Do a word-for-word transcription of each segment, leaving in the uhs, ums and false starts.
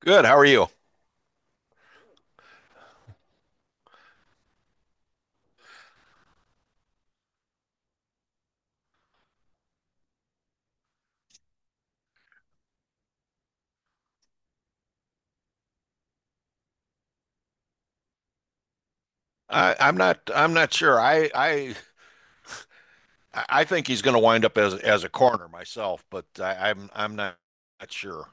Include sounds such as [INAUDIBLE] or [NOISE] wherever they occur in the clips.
Good. How are you? I, I'm not. I'm not sure. I. I. I think he's going to wind up as as a corner myself, but I, I'm. I'm not, not sure.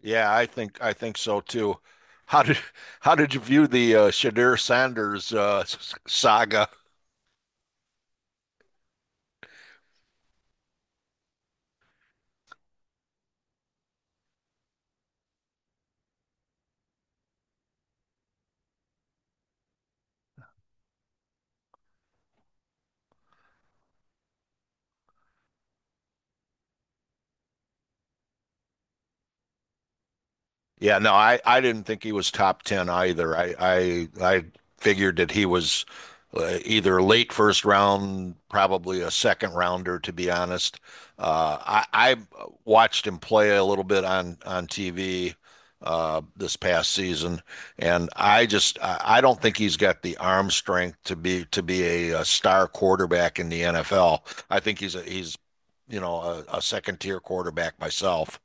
Yeah, I think. I think so too. How did How did you view the uh, Shadir Sanders uh, s- saga? Yeah, no, I, I didn't think he was top ten either. I, I, I figured that he was uh, either late first round, probably a second rounder, to be honest. Uh, I, I watched him play a little bit on, on T V uh, this past season, and I just I, I don't think he's got the arm strength to be to be a, a star quarterback in the N F L. I think he's a, he's you know a, a second tier quarterback myself.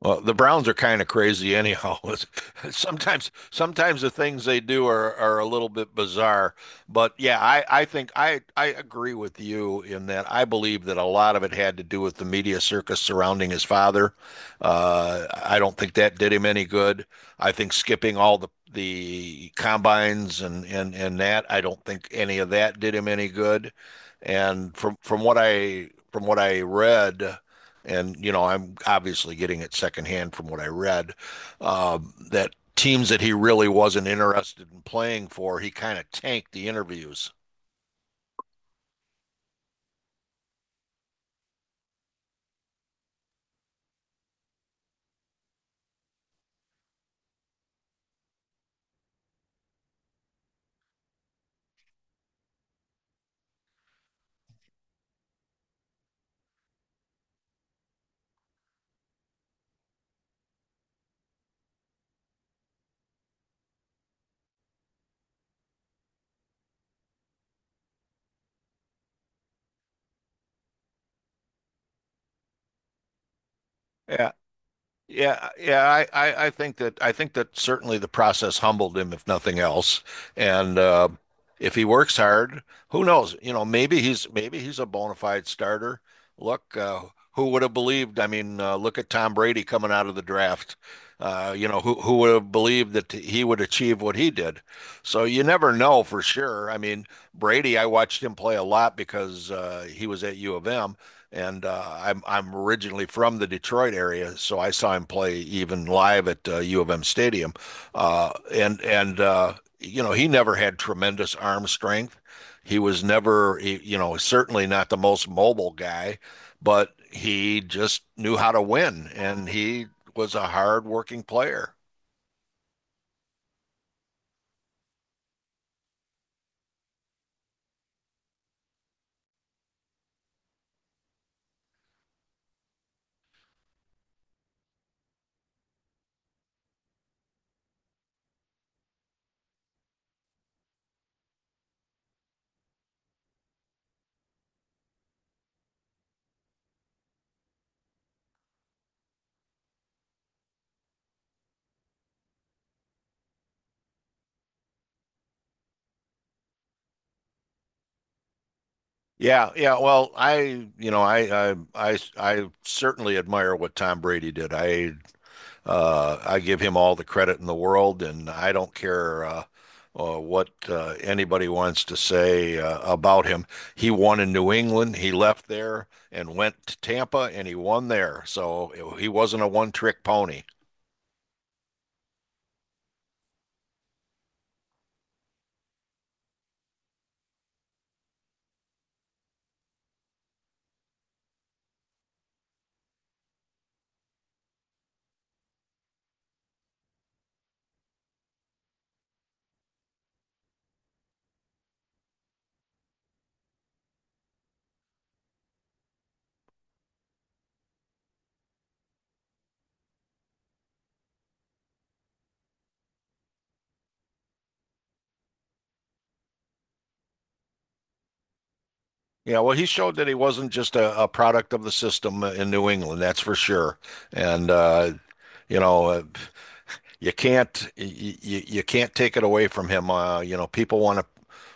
Well, the Browns are kind of crazy anyhow. [LAUGHS] It's- Sometimes, sometimes the things they do are are a little bit bizarre. But yeah, I I think I I agree with you in that I believe that a lot of it had to do with the media circus surrounding his father. Uh, I don't think that did him any good. I think skipping all the the combines and and and that, I don't think any of that did him any good. And from from what I from what I read and you know, I'm obviously getting it secondhand from what I read, um, that teams that he really wasn't interested in playing for, he kind of tanked the interviews. Yeah. Yeah, yeah, I, I, I think that I think that certainly the process humbled him, if nothing else. And uh, if he works hard, who knows? You know, maybe he's maybe he's a bona fide starter. Look, uh, who would have believed? I mean, uh, look at Tom Brady coming out of the draft. Uh, you know, who who would have believed that he would achieve what he did? So you never know for sure. I mean, Brady, I watched him play a lot because uh, he was at U of M and uh, I'm I'm originally from the Detroit area, so I saw him play even live at uh, U of M Stadium, uh, and and uh, you know he never had tremendous arm strength. He was never, you know, certainly not the most mobile guy, but he just knew how to win, and he was a hard-working player. Yeah, yeah. Well, I, you know, I, I, I, I certainly admire what Tom Brady did. I Uh, I give him all the credit in the world, and I don't care uh, uh, what uh, anybody wants to say uh, about him. He won in New England. He left there and went to Tampa, and he won there. So he wasn't a one-trick pony. Yeah, well, he showed that he wasn't just a, a product of the system in New England, that's for sure. And uh, you know, uh, you can't you, you, can't take it away from him. Uh, you know, people want to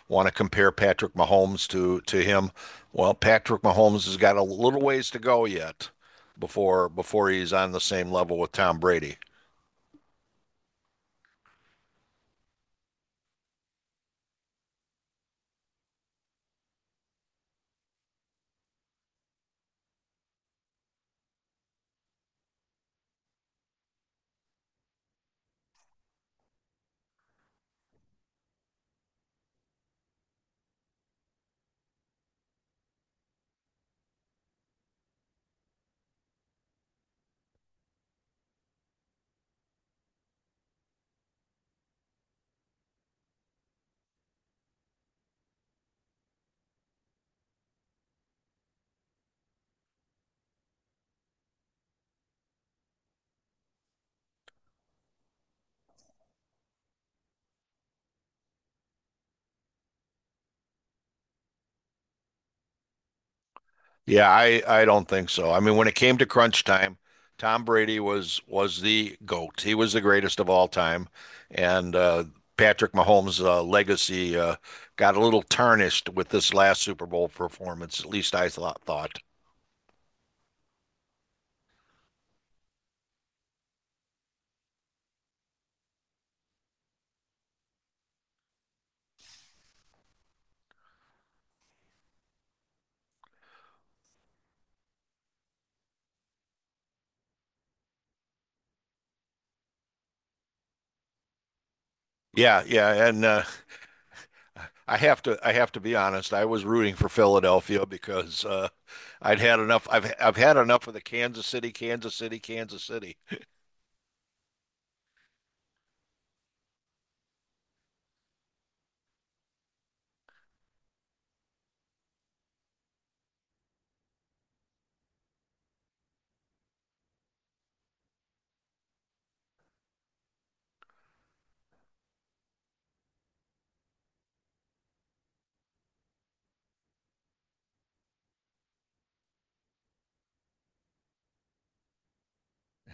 want to compare Patrick Mahomes to to him. Well, Patrick Mahomes has got a little ways to go yet before before he's on the same level with Tom Brady. Yeah, I I don't think so. I mean, when it came to crunch time, Tom Brady was was the goat. He was the greatest of all time, and uh, Patrick Mahomes' uh, legacy uh, got a little tarnished with this last Super Bowl performance. At least I thought. thought. Yeah, yeah, and uh, I have to I have to be honest. I was rooting for Philadelphia because uh, I'd had enough. I've I've had enough of the Kansas City, Kansas City, Kansas City.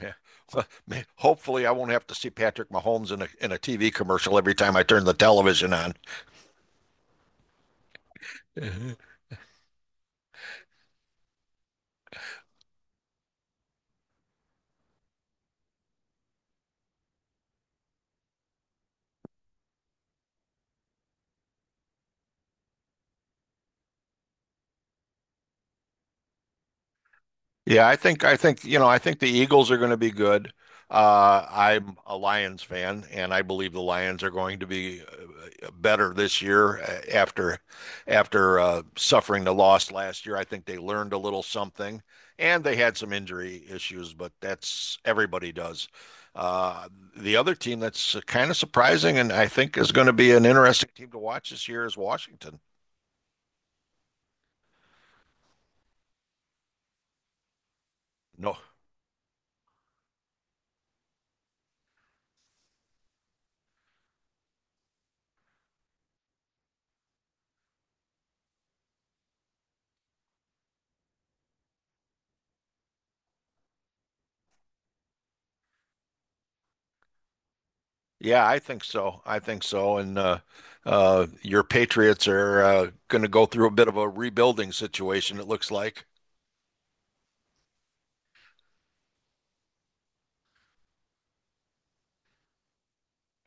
Yeah. Well, may- hopefully, I won't have to see Patrick Mahomes in a in a T V commercial every time I turn the television on. [LAUGHS] Yeah, I think I think you know I think the Eagles are going to be good. Uh, I'm a Lions fan, and I believe the Lions are going to be uh, better this year uh, after after uh, suffering the loss last year. I think they learned a little something, and they had some injury issues, but that's everybody does. Uh, the other team that's kind of surprising, and I think is going to be an interesting team to watch this year is Washington. No, yeah, I think so. I think so. And uh, uh, your Patriots are uh, going to go through a bit of a rebuilding situation, it looks like.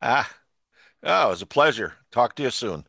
Ah, oh, it was a pleasure. Talk to you soon.